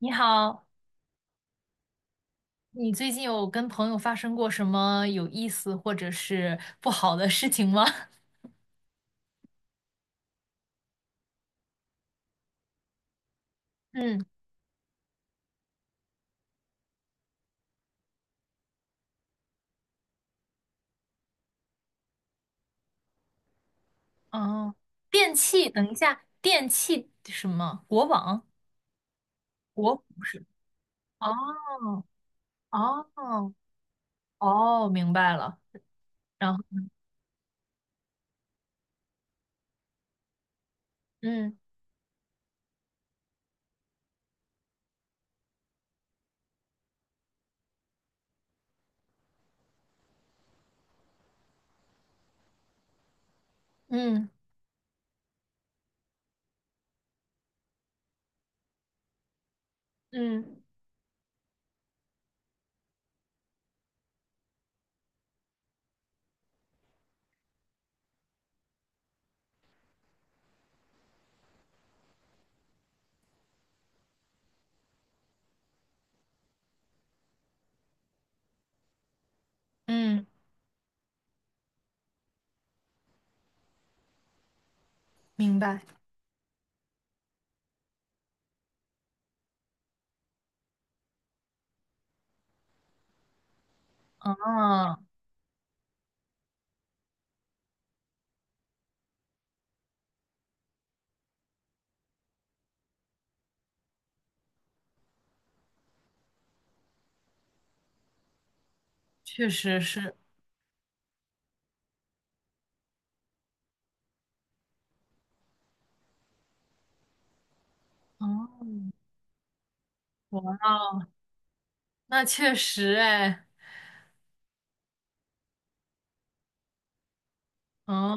你好，你最近有跟朋友发生过什么有意思或者是不好的事情吗？嗯。哦，电器，等一下，电器什么？国网？国不是？哦哦哦，明白了。然后。嗯嗯嗯嗯，明白。嗯，确实是。哦。哇哦，那确实哎。哦。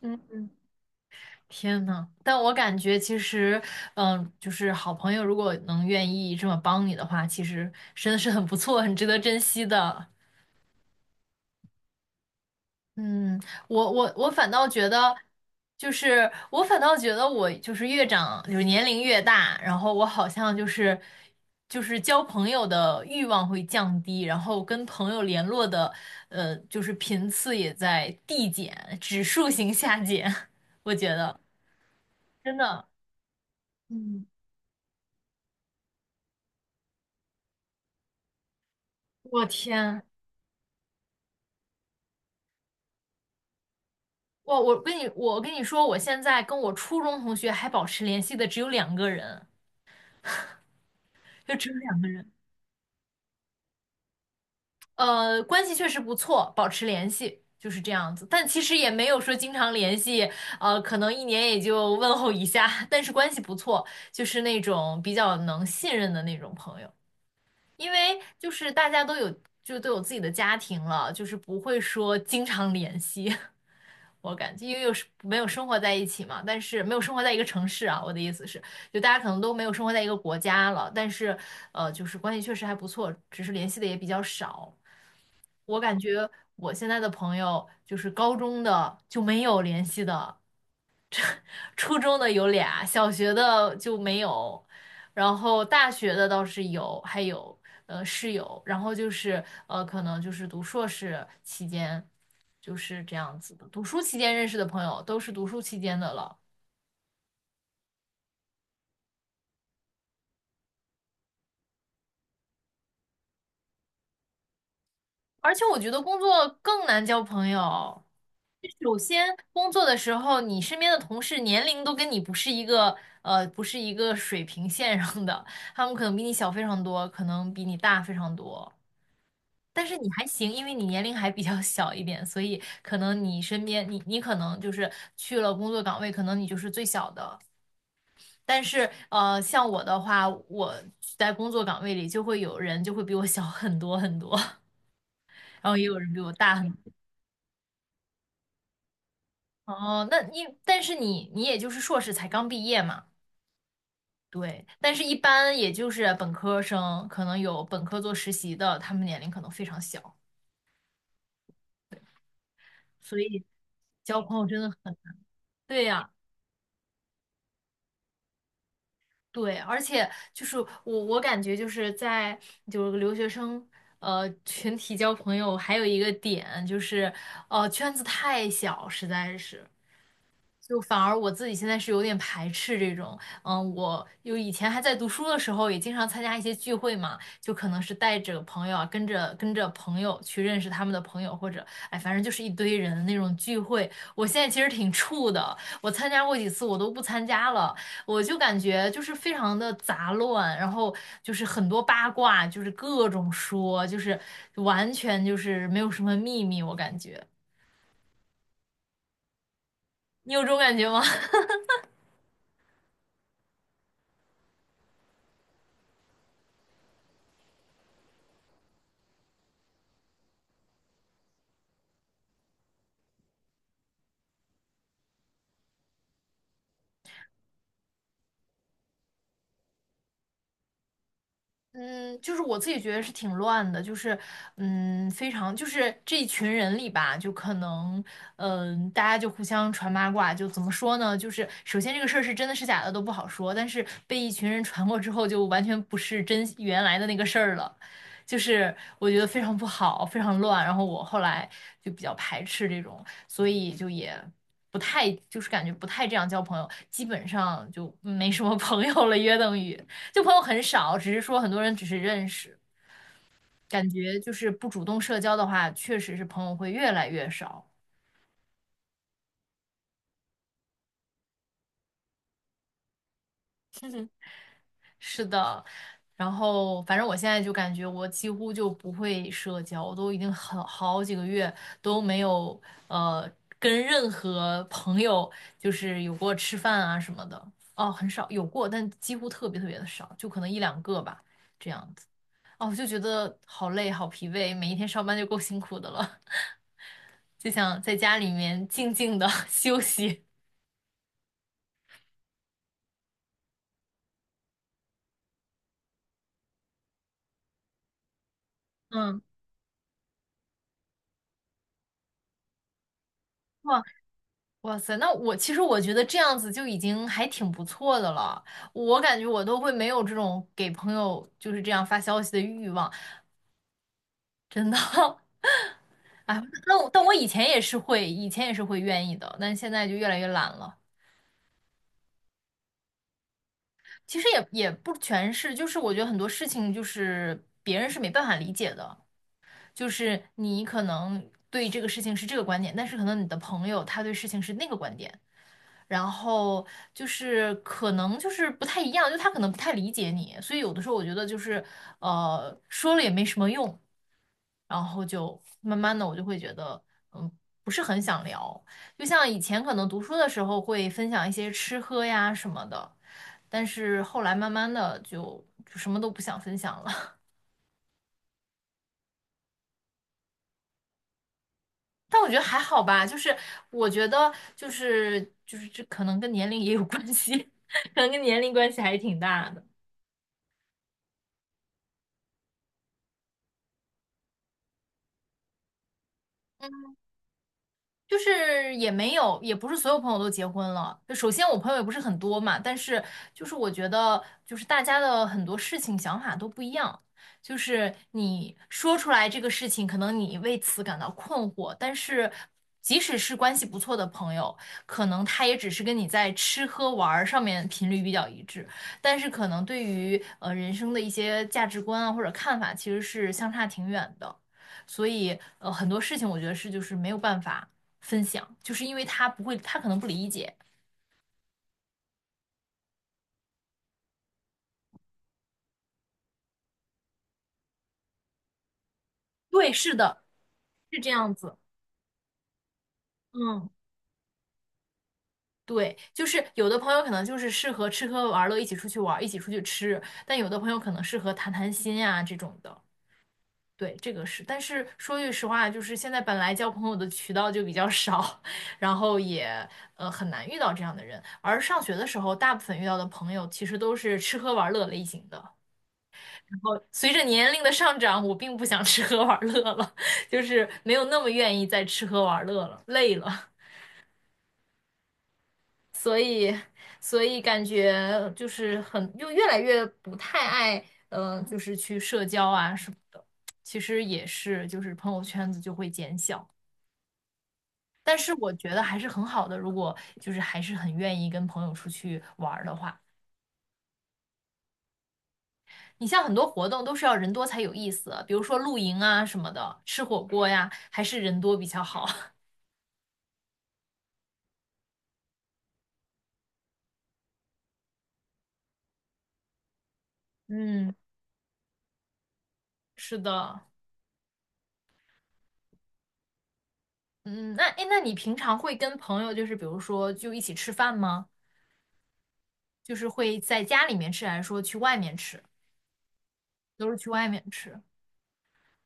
嗯嗯。天呐，但我感觉其实，嗯，就是好朋友如果能愿意这么帮你的话，其实真的是很不错，很值得珍惜的。嗯，我反倒觉得，就是我反倒觉得我就是越长，就是年龄越大，然后我好像就是交朋友的欲望会降低，然后跟朋友联络的，就是频次也在递减，指数型下减，我觉得真的。嗯。我天。我跟你说，我现在跟我初中同学还保持联系的只有两个人，就只有两个人。关系确实不错，保持联系就是这样子，但其实也没有说经常联系，可能一年也就问候一下，但是关系不错，就是那种比较能信任的那种朋友，因为就是大家都有就都有自己的家庭了，就是不会说经常联系。我感觉，因为有时没有生活在一起嘛，但是没有生活在一个城市啊。我的意思是，就大家可能都没有生活在一个国家了，但是就是关系确实还不错，只是联系的也比较少。我感觉我现在的朋友，就是高中的就没有联系的，初中的有俩，小学的就没有，然后大学的倒是有，还有室友，然后就是可能就是读硕士期间就是这样子的，读书期间认识的朋友都是读书期间的了。而且我觉得工作更难交朋友。首先，工作的时候，你身边的同事年龄都跟你不是不是一个水平线上的，他们可能比你小非常多，可能比你大非常多。但是你还行，因为你年龄还比较小一点，所以可能你身边你可能就是去了工作岗位，可能你就是最小的。但是像我的话，我在工作岗位里就会有人就会比我小很多很多，然后也有人比我大很多。哦，那你但是你也就是硕士才刚毕业嘛，对。但是一般也就是本科生，可能有本科做实习的，他们年龄可能非常小，所以交朋友真的很。对呀、对，而且就是我感觉就是在就是留学生群体交朋友，还有一个点就是，圈子太小，实在是。就反而我自己现在是有点排斥这种，嗯，我有以前还在读书的时候，也经常参加一些聚会嘛，就可能是带着朋友啊，跟着朋友去认识他们的朋友，或者哎，反正就是一堆人的那种聚会。我现在其实挺怵的，我参加过几次，我都不参加了，我就感觉就是非常的杂乱，然后就是很多八卦，就是各种说，就是完全就是没有什么秘密，我感觉。你有这种感觉吗？嗯，就是我自己觉得是挺乱的，就是嗯，非常就是这一群人里吧，就可能嗯，大家就互相传八卦，就怎么说呢？就是首先这个事儿是真的是假的都不好说，但是被一群人传过之后，就完全不是真原来的那个事儿了，就是我觉得非常不好，非常乱。然后我后来就比较排斥这种，所以就也不太就是感觉不太这样交朋友，基本上就没什么朋友了，约等于。就朋友很少，只是说很多人只是认识，感觉就是不主动社交的话，确实是朋友会越来越少。是的，然后反正我现在就感觉我几乎就不会社交，我都已经很好几个月都没有呃跟任何朋友就是有过吃饭啊什么的，哦，很少有过，但几乎特别特别的少，就可能一两个吧，这样子。哦，我就觉得好累，好疲惫，每一天上班就够辛苦的了。就想在家里面静静的 休息。嗯。哇。哇塞，那我其实我觉得这样子就已经还挺不错的了。我感觉我都会没有这种给朋友就是这样发消息的欲望，真的。哎，那我但我以前也是会，以前也是会愿意的，但现在就越来越懒了。其实也不全是，就是我觉得很多事情就是别人是没办法理解的，就是你可能对这个事情是这个观点，但是可能你的朋友他对事情是那个观点，然后就是可能就是不太一样，就他可能不太理解你，所以有的时候我觉得就是说了也没什么用，然后就慢慢的我就会觉得嗯不是很想聊，就像以前可能读书的时候会分享一些吃喝呀什么的，但是后来慢慢的就什么都不想分享了，但我觉得还好吧，就是我觉得就是这可能跟年龄也有关系，可能跟年龄关系还挺大的。就是也没有，也不是所有朋友都结婚了。就首先我朋友也不是很多嘛，但是就是我觉得，就是大家的很多事情想法都不一样。就是你说出来这个事情，可能你为此感到困惑，但是即使是关系不错的朋友，可能他也只是跟你在吃喝玩儿上面频率比较一致，但是可能对于人生的一些价值观啊或者看法，其实是相差挺远的。所以很多事情我觉得是就是没有办法。分享，就是因为他不会，他可能不理解。对，是的，是这样子。嗯，对，就是有的朋友可能就是适合吃喝玩乐，一起出去玩，一起出去吃，但有的朋友可能适合谈谈心呀、这种的。对，这个是，但是说句实话，就是现在本来交朋友的渠道就比较少，然后也很难遇到这样的人。而上学的时候，大部分遇到的朋友其实都是吃喝玩乐类型的。然后随着年龄的上涨，我并不想吃喝玩乐了，就是没有那么愿意再吃喝玩乐了，累了，所以，所以感觉就是很，就越来越不太爱，就是去社交啊什么的。其实也是，就是朋友圈子就会减小，但是我觉得还是很好的，如果就是还是很愿意跟朋友出去玩儿的话。你像很多活动都是要人多才有意思，比如说露营啊什么的，吃火锅呀，还是人多比较好。嗯，是的，嗯，那诶，那你平常会跟朋友就是比如说就一起吃饭吗？就是会在家里面吃，还是说去外面吃？都是去外面吃。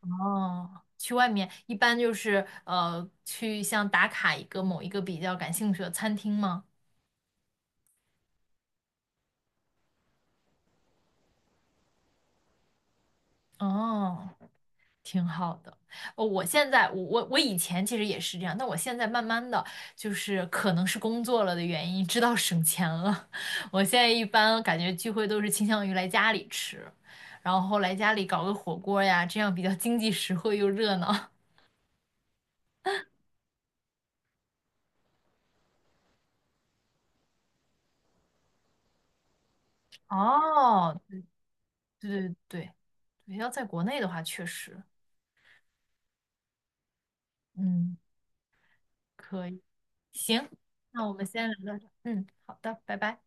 哦，去外面一般就是去像打卡一个某一个比较感兴趣的餐厅吗？哦。挺好的。哦，我现在我以前其实也是这样，但我现在慢慢的就是可能是工作了的原因，知道省钱了。我现在一般感觉聚会都是倾向于来家里吃，然后来家里搞个火锅呀，这样比较经济实惠又热闹。哦，对对对对，要在国内的话，确实，嗯，可以，行，那我们先聊到这儿嗯，好的，拜拜。